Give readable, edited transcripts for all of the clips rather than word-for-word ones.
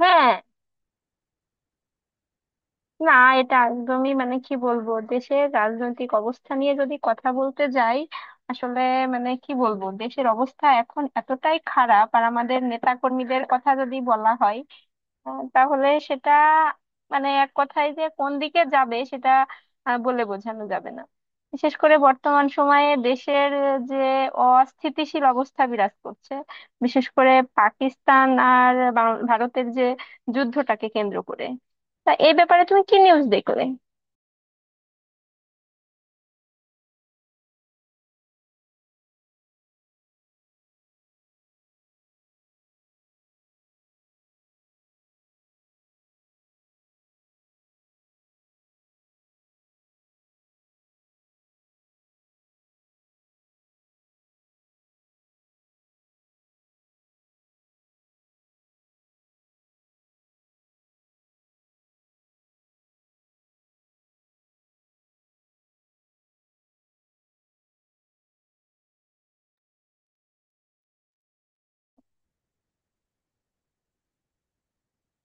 হ্যাঁ। না, এটা একদমই, মানে কি বলবো, দেশের রাজনৈতিক অবস্থা নিয়ে যদি কথা বলতে যাই আসলে, মানে কি বলবো, দেশের অবস্থা এখন এতটাই খারাপ। আর আমাদের নেতা কর্মীদের কথা যদি বলা হয় তাহলে সেটা মানে এক কথায় যে কোন দিকে যাবে সেটা বলে বোঝানো যাবে না। বিশেষ করে বর্তমান সময়ে দেশের যে অস্থিতিশীল অবস্থা বিরাজ করছে, বিশেষ করে পাকিস্তান আর ভারতের যে যুদ্ধটাকে কেন্দ্র করে। তা এই ব্যাপারে তুমি কি নিউজ দেখলে?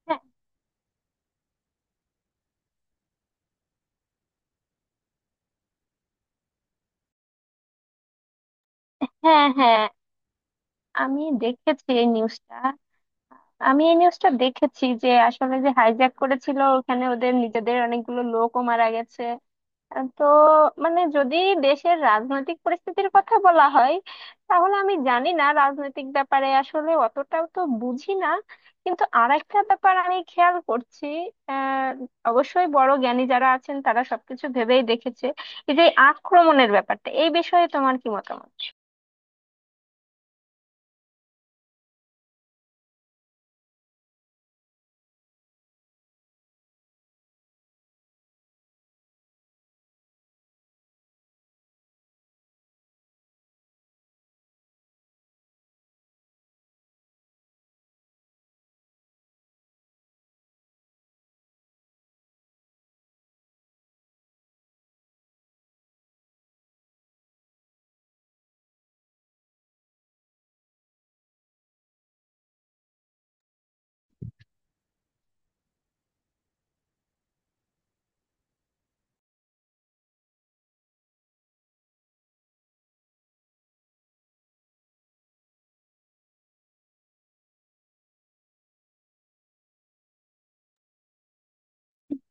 হ্যাঁ হ্যাঁ, হ্যাঁ, আমি দেখেছি এই নিউজটা। আমি এই নিউজটা দেখেছি যে আসলে যে হাইজ্যাক করেছিল, ওখানে ওদের নিজেদের অনেকগুলো লোকও মারা গেছে। তো মানে যদি দেশের রাজনৈতিক পরিস্থিতির কথা বলা হয়, তাহলে আমি জানি না, রাজনৈতিক ব্যাপারে আসলে অতটাও তো বুঝি না। কিন্তু আরেকটা ব্যাপার আমি খেয়াল করছি, আহ অবশ্যই বড় জ্ঞানী যারা আছেন তারা সবকিছু ভেবেই দেখেছে। এই যে আক্রমণের ব্যাপারটা, এই বিষয়ে তোমার কি মতামত?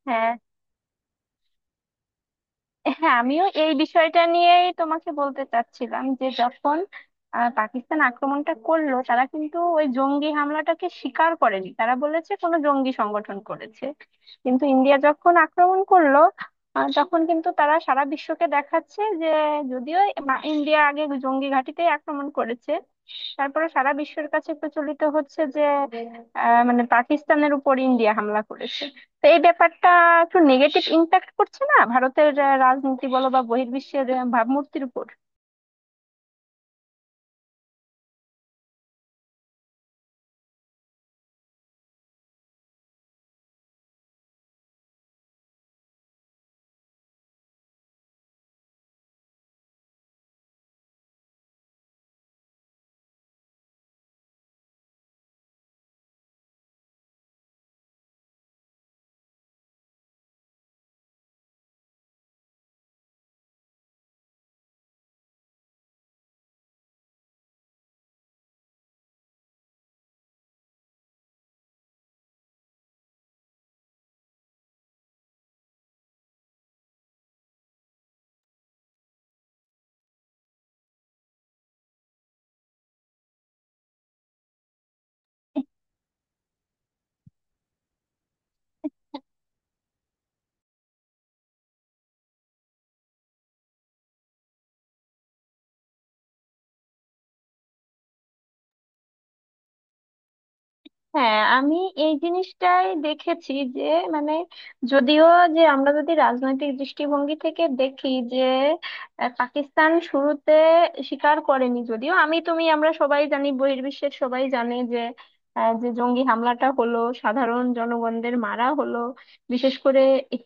হ্যাঁ, হ্যাঁ আমিও এই বিষয়টা নিয়েই তোমাকে বলতে চাচ্ছিলাম যে যখন পাকিস্তান আক্রমণটা করলো, তারা কিন্তু ওই জঙ্গি হামলাটাকে স্বীকার করেনি, তারা বলেছে কোনো জঙ্গি সংগঠন করেছে। কিন্তু ইন্ডিয়া যখন আক্রমণ করলো, তখন কিন্তু তারা সারা বিশ্বকে দেখাচ্ছে যে যদিও ইন্ডিয়া আগে জঙ্গি ঘাঁটিতেই আক্রমণ করেছে, তারপরে সারা বিশ্বের কাছে প্রচলিত হচ্ছে যে মানে পাকিস্তানের উপর ইন্ডিয়া হামলা করেছে। তো এই ব্যাপারটা একটু নেগেটিভ ইম্প্যাক্ট করছে না ভারতের রাজনীতি বলো বা বহির্বিশ্বের ভাবমূর্তির উপর? হ্যাঁ, আমি এই জিনিসটাই দেখেছি যে, মানে যদিও, যে আমরা যদি রাজনৈতিক দৃষ্টিভঙ্গি থেকে দেখি যে পাকিস্তান শুরুতে স্বীকার করেনি, যদিও আমি তুমি আমরা সবাই জানি, বহির্বিশ্বের সবাই জানে যে যে জঙ্গি হামলাটা হলো, সাধারণ জনগণদের মারা হলো, বিশেষ করে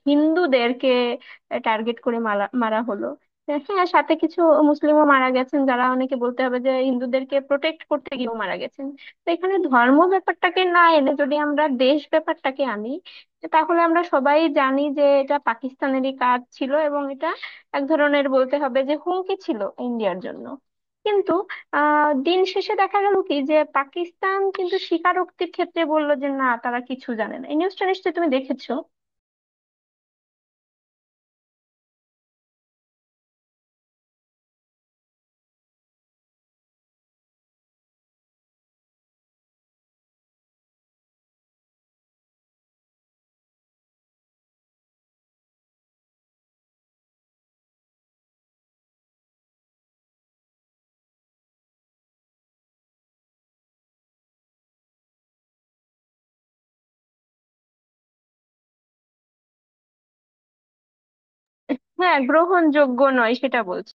হিন্দুদেরকে টার্গেট করে মারা মারা হলো। হ্যাঁ, সাথে কিছু মুসলিমও মারা গেছেন, যারা অনেকে বলতে হবে যে হিন্দুদেরকে প্রোটেক্ট করতে গিয়েও মারা গেছেন। তো এখানে ধর্ম ব্যাপারটাকে না এনে যদি আমরা দেশ ব্যাপারটাকে আনি, তাহলে আমরা সবাই জানি যে এটা পাকিস্তানেরই কাজ ছিল, এবং এটা এক ধরনের বলতে হবে যে হুমকি ছিল ইন্ডিয়ার জন্য। কিন্তু দিন শেষে দেখা গেল কি যে পাকিস্তান কিন্তু স্বীকারোক্তির ক্ষেত্রে বললো যে না, তারা কিছু জানে না। এই নিউজটা নিশ্চয়ই তুমি দেখেছো। হ্যাঁ, গ্রহণযোগ্য নয় সেটা বলছে।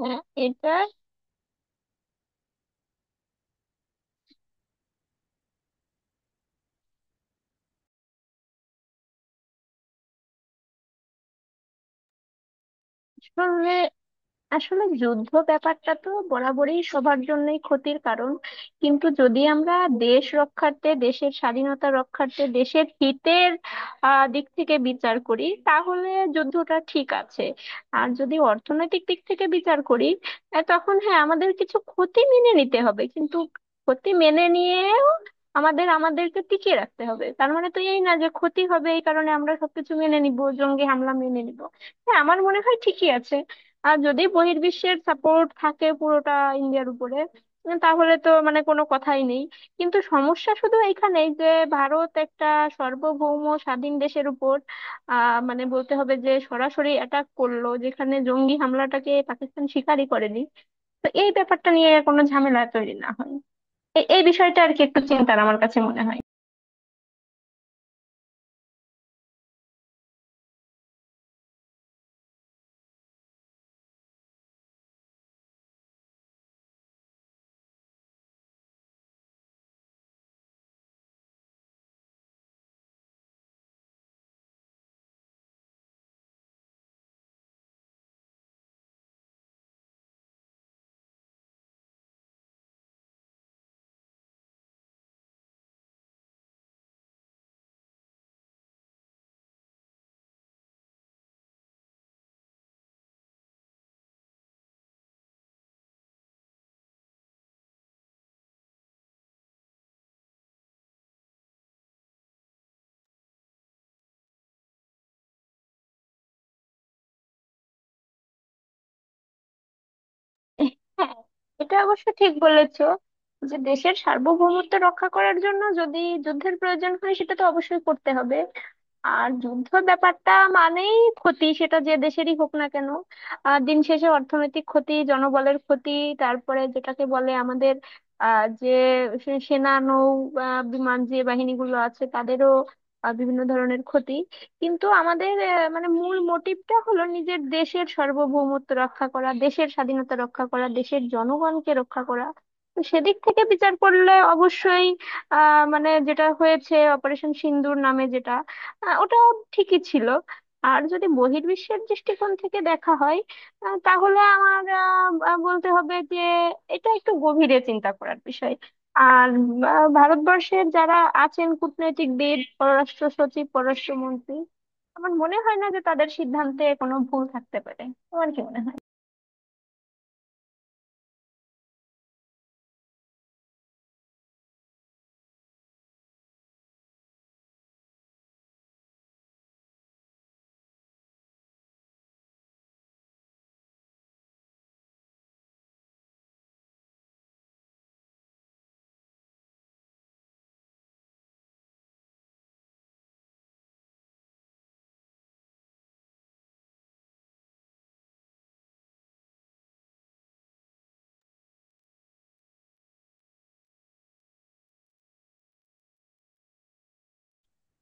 হ্যাঁ। এটা আসলে, আসলে যুদ্ধ ব্যাপারটা তো বরাবরই সবার জন্যই ক্ষতির কারণ। কিন্তু যদি আমরা দেশ রক্ষার্থে, দেশের স্বাধীনতা রক্ষার্থে, দেশের হিতের দিক থেকে বিচার করি, তাহলে যুদ্ধটা ঠিক আছে। আর যদি অর্থনৈতিক দিক থেকে বিচার করি, তখন হ্যাঁ, আমাদের কিছু ক্ষতি মেনে নিতে হবে। কিন্তু ক্ষতি মেনে নিয়েও আমাদেরকে টিকিয়ে রাখতে হবে। তার মানে তো এই না যে ক্ষতি হবে এই কারণে আমরা সবকিছু মেনে নিব, জঙ্গি হামলা মেনে নিব। হ্যাঁ, আমার মনে হয় ঠিকই আছে। আর যদি বহির্বিশ্বের সাপোর্ট থাকে পুরোটা ইন্ডিয়ার উপরে, তাহলে তো মানে কোনো কথাই নেই। কিন্তু সমস্যা শুধু এখানেই যে ভারত একটা সার্বভৌম স্বাধীন দেশের উপর মানে বলতে হবে যে সরাসরি অ্যাটাক করলো, যেখানে জঙ্গি হামলাটাকে পাকিস্তান স্বীকারই করেনি। তো এই ব্যাপারটা নিয়ে কোনো ঝামেলা তৈরি না হয়, এই বিষয়টা আর কি একটু চিন্তার আমার কাছে মনে হয়। হ্যাঁ, এটা অবশ্য ঠিক বলেছো যে দেশের সার্বভৌমত্ব রক্ষা করার জন্য যদি যুদ্ধের প্রয়োজন হয় সেটা তো অবশ্যই করতে হবে। আর যুদ্ধ ব্যাপারটা মানেই ক্ষতি, সেটা যে দেশেরই হোক না কেন। দিন শেষে অর্থনৈতিক ক্ষতি, জনবলের ক্ষতি, তারপরে যেটাকে বলে আমাদের আহ যে সেনা, নৌ, বিমান যে বাহিনীগুলো আছে, তাদেরও বিভিন্ন ধরনের ক্ষতি। কিন্তু আমাদের মানে মূল মোটিভটা হলো নিজের দেশের সার্বভৌমত্ব রক্ষা করা, দেশের স্বাধীনতা রক্ষা করা, দেশের জনগণকে রক্ষা করা। তো সেদিক থেকে বিচার করলে অবশ্যই মানে যেটা হয়েছে অপারেশন সিন্দুর নামে, যেটা ওটা ঠিকই ছিল। আর যদি বহির্বিশ্বের দৃষ্টিকোণ থেকে দেখা হয়, তাহলে আমার আহ, আহ, বলতে হবে যে এটা একটু গভীরে চিন্তা করার বিষয়। আর ভারতবর্ষের যারা আছেন কূটনৈতিকবিদ, পররাষ্ট্র সচিব, পররাষ্ট্র মন্ত্রী, আমার মনে হয় না যে তাদের সিদ্ধান্তে কোনো ভুল থাকতে পারে। তোমার কি মনে হয়?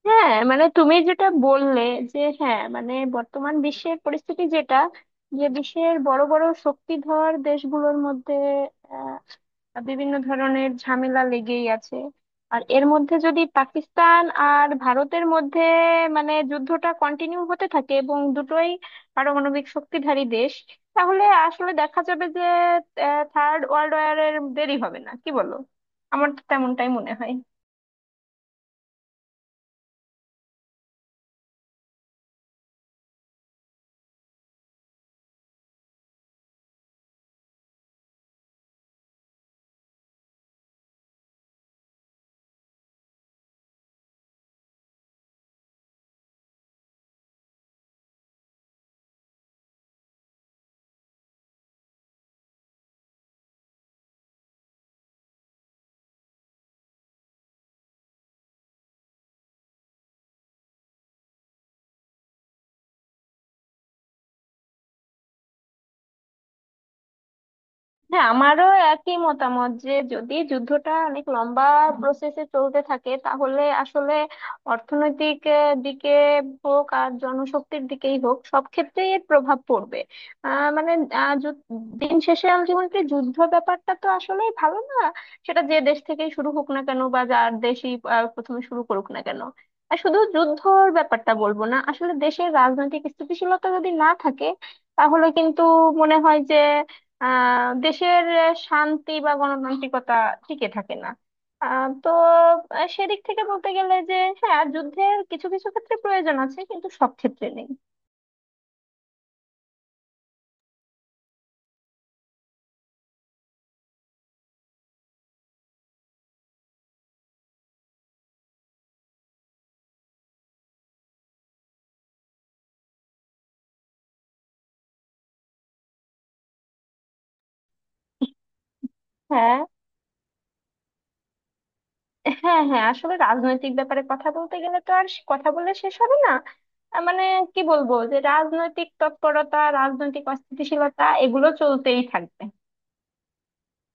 হ্যাঁ, মানে তুমি যেটা বললে যে হ্যাঁ, মানে বর্তমান বিশ্বের পরিস্থিতি যেটা, যে বিশ্বের বড় বড় শক্তিধর দেশগুলোর মধ্যে বিভিন্ন ধরনের ঝামেলা লেগেই আছে। আর এর মধ্যে যদি পাকিস্তান আর ভারতের মধ্যে মানে যুদ্ধটা কন্টিনিউ হতে থাকে, এবং দুটোই পারমাণবিক শক্তিধারী দেশ, তাহলে আসলে দেখা যাবে যে থার্ড ওয়ার্ল্ড ওয়ার এর দেরি হবে না। কি বলো? আমার তো তেমনটাই মনে হয়। হ্যাঁ, আমারও একই মতামত যে যদি যুদ্ধটা অনেক লম্বা প্রসেসে চলতে থাকে, তাহলে আসলে অর্থনৈতিক দিকে হোক, আর জনশক্তির দিকেই হোক, সব ক্ষেত্রেই এর প্রভাব পড়বে। আহ, মানে আহ, যু- দিন শেষে আলটিমেটলি যুদ্ধ ব্যাপারটা তো আসলেই ভালো না, সেটা যে দেশ থেকেই শুরু হোক না কেন, বা যার দেশই প্রথমে শুরু করুক না কেন। আর শুধু যুদ্ধর ব্যাপারটা বলবো না, আসলে দেশের রাজনৈতিক স্থিতিশীলতা যদি না থাকে, তাহলে কিন্তু মনে হয় যে দেশের শান্তি বা গণতান্ত্রিকতা টিকে থাকে না। আহ, তো সেদিক থেকে বলতে গেলে যে হ্যাঁ, যুদ্ধের কিছু কিছু ক্ষেত্রে প্রয়োজন আছে, কিন্তু সব ক্ষেত্রে নেই। হ্যাঁ, হ্যাঁ হ্যাঁ আসলে রাজনৈতিক ব্যাপারে কথা বলতে গেলে তো আর কথা বলে শেষ হবে না। মানে কি বলবো, যে রাজনৈতিক তৎপরতা, রাজনৈতিক অস্থিতিশীলতা, এগুলো চলতেই থাকবে।